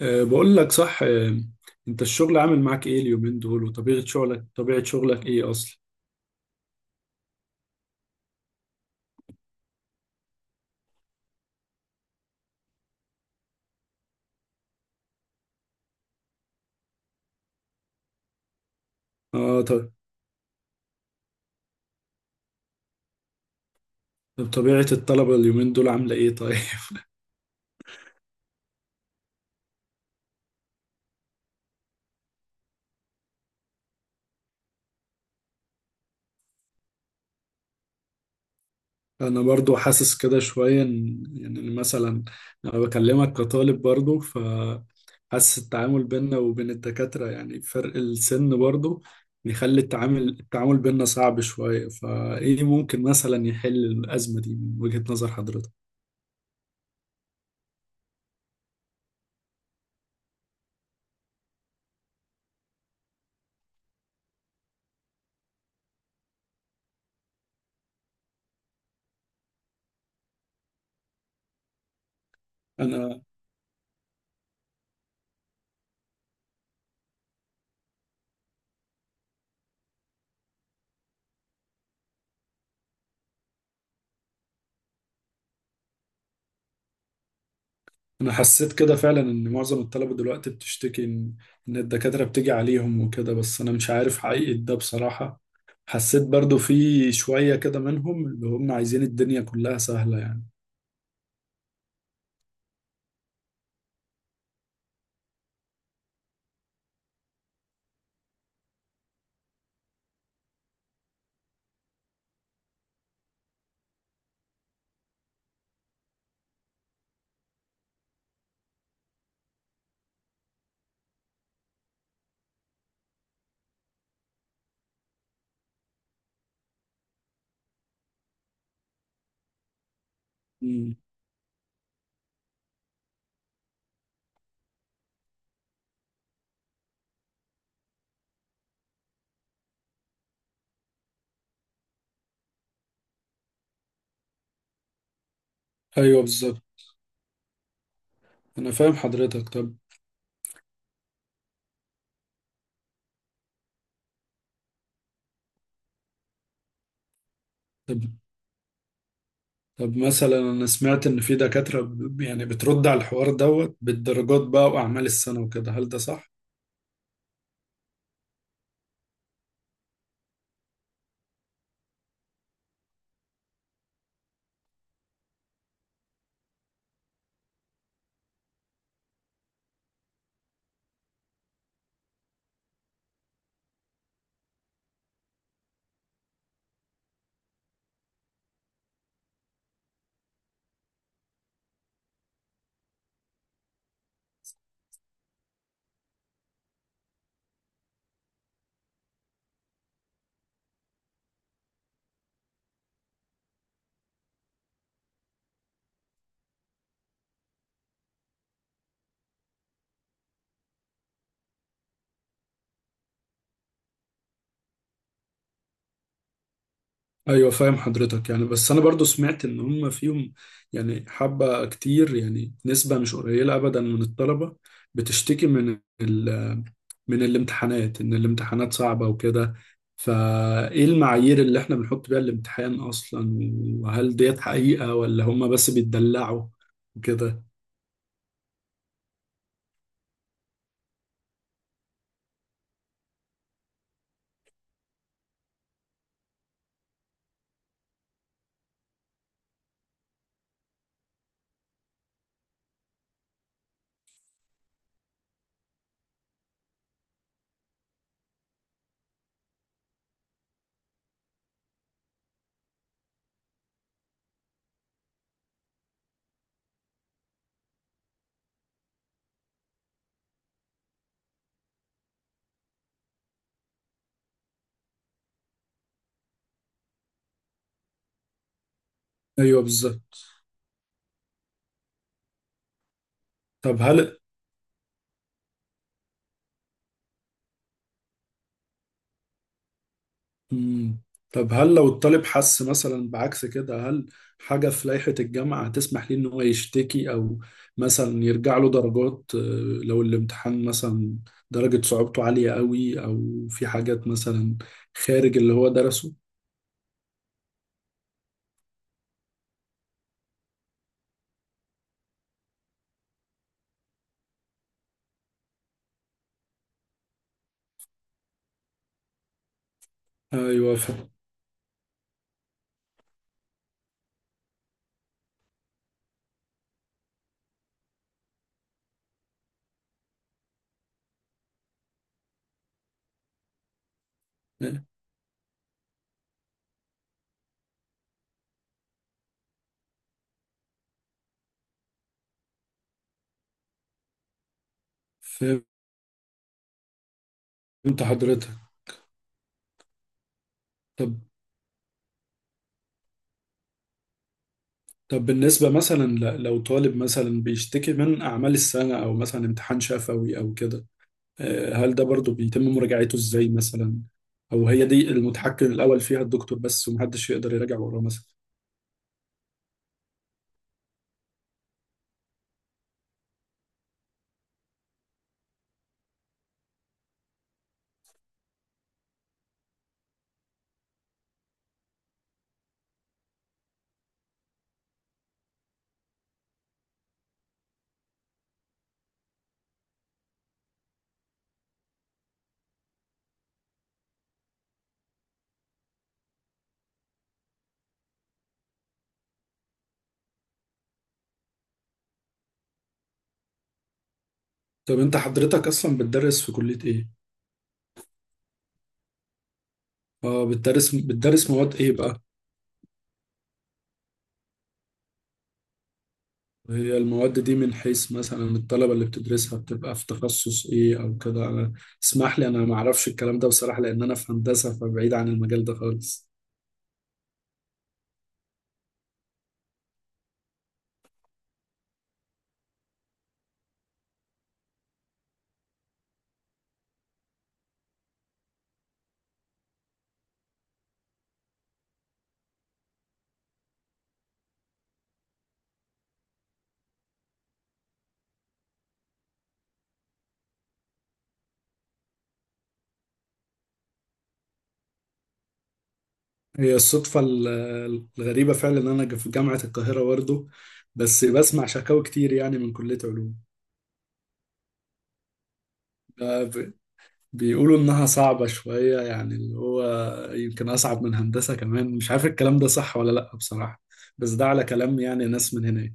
أه بقول لك صح. أه انت الشغل عامل معاك ايه اليومين دول وطبيعة شغلك، طبيعة شغلك ايه اصلا؟ اه طب. طبيعة الطلبة اليومين دول عاملة ايه طيب؟ انا برضو حاسس كده شوية يعني مثلا انا بكلمك كطالب برضو فحاسس التعامل بيننا وبين الدكاترة، يعني فرق السن برضو بيخلي التعامل بيننا صعب شوية، فايه ممكن مثلا يحل الأزمة دي من وجهة نظر حضرتك؟ انا انا حسيت كده فعلا ان معظم الطلبة دلوقتي بتشتكي إن الدكاترة بتيجي عليهم وكده، بس انا مش عارف حقيقة ده بصراحة. حسيت برضو في شوية كده منهم اللي هم عايزين الدنيا كلها سهلة يعني. مم. ايوه بالظبط، انا فاهم حضرتك. طب، طب طب مثلا انا سمعت ان في دكاترة يعني بترد على الحوار دوت بالدرجات بقى واعمال السنة وكده، هل ده صح؟ ايوه فاهم حضرتك، يعني بس انا برضو سمعت ان هم فيهم يعني حبة كتير، يعني نسبة مش قليلة ابدا من الطلبة بتشتكي من الامتحانات، ان الامتحانات صعبة وكده، فايه المعايير اللي احنا بنحط بيها الامتحان اصلا، وهل ديت حقيقة ولا هم بس بيتدلعوا وكده؟ ايوه بالظبط. طب هل مم. طب هل لو الطالب حس مثلا بعكس كده، هل حاجة في لائحة الجامعة هتسمح ليه إن هو يشتكي، أو مثلا يرجع له درجات، لو الامتحان مثلا درجة صعوبته عالية قوي، أو في حاجات مثلا خارج اللي هو درسه؟ أيوه فاهم. فهمت حضرتك. طب طب بالنسبة مثلا لو طالب مثلا بيشتكي من أعمال السنة أو مثلا امتحان شفوي أو كده، هل ده برضو بيتم مراجعته ازاي مثلا، او هي دي المتحكم الاول فيها الدكتور بس ومحدش يقدر يراجع وراه مثلا؟ طب انت حضرتك اصلا بتدرس في كلية ايه؟ اه بتدرس، مواد ايه بقى؟ هي المواد دي من حيث مثلا الطلبة اللي بتدرسها بتبقى في تخصص ايه او كده؟ انا اسمح لي انا ما اعرفش الكلام ده بصراحة، لان انا في هندسة فبعيد عن المجال ده خالص. هي الصدفة ال- الغريبة فعلا ان انا في جامعة القاهرة برضه، بس بسمع شكاوى كتير يعني من كلية علوم، بيقولوا إنها صعبة شوية، يعني اللي هو يمكن أصعب من هندسة كمان، مش عارف الكلام ده صح ولا لأ بصراحة، بس ده على كلام يعني ناس من هنا.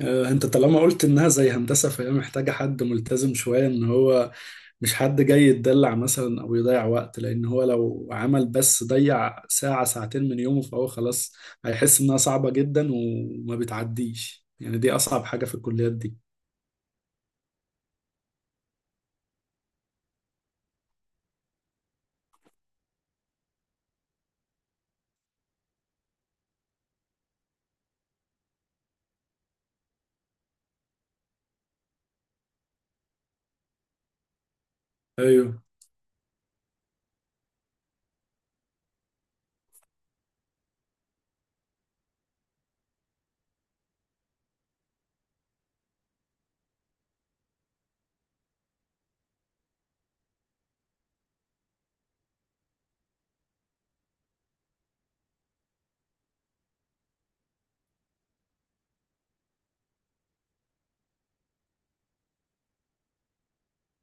أنت طالما قلت إنها زي هندسة فهي محتاجة حد ملتزم شوية، إن هو مش حد جاي يتدلع مثلا أو يضيع وقت، لأن هو لو عمل بس ضيع ساعة ساعتين من يومه فهو خلاص هيحس إنها صعبة جدا وما بتعديش، يعني دي أصعب حاجة في الكليات دي. أيوه.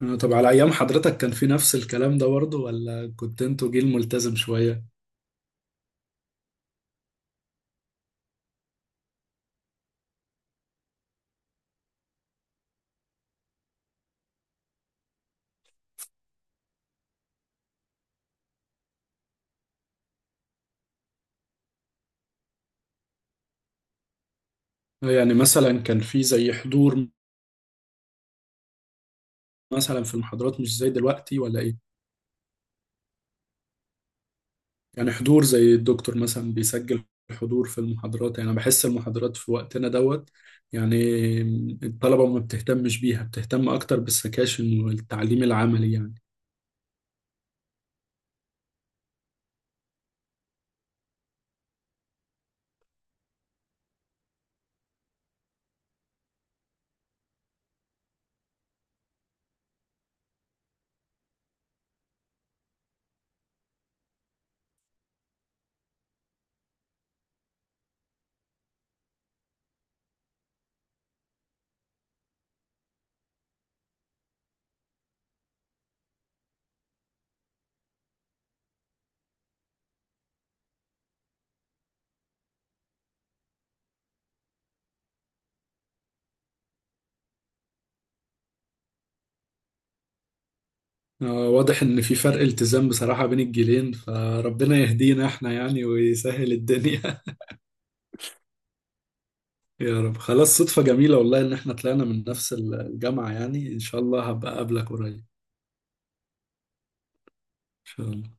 طب على أيام حضرتك كان في نفس الكلام ده برضه ولا كنت انتوا جيل ملتزم شوية؟ يعني مثلا كان في زي حضور مثلا في المحاضرات مش زي دلوقتي ولا إيه؟ يعني حضور زي الدكتور مثلا بيسجل حضور في المحاضرات، يعني أنا بحس المحاضرات في وقتنا دوت، يعني الطلبة ما بتهتمش بيها، بتهتم أكتر بالسكاشن والتعليم العملي يعني. واضح إن في فرق التزام بصراحة بين الجيلين، فربنا يهدينا إحنا يعني ويسهل الدنيا. يا رب. خلاص صدفة جميلة والله إن إحنا طلعنا من نفس الجامعة، يعني إن شاء الله هبقى أقابلك قريب إن شاء الله.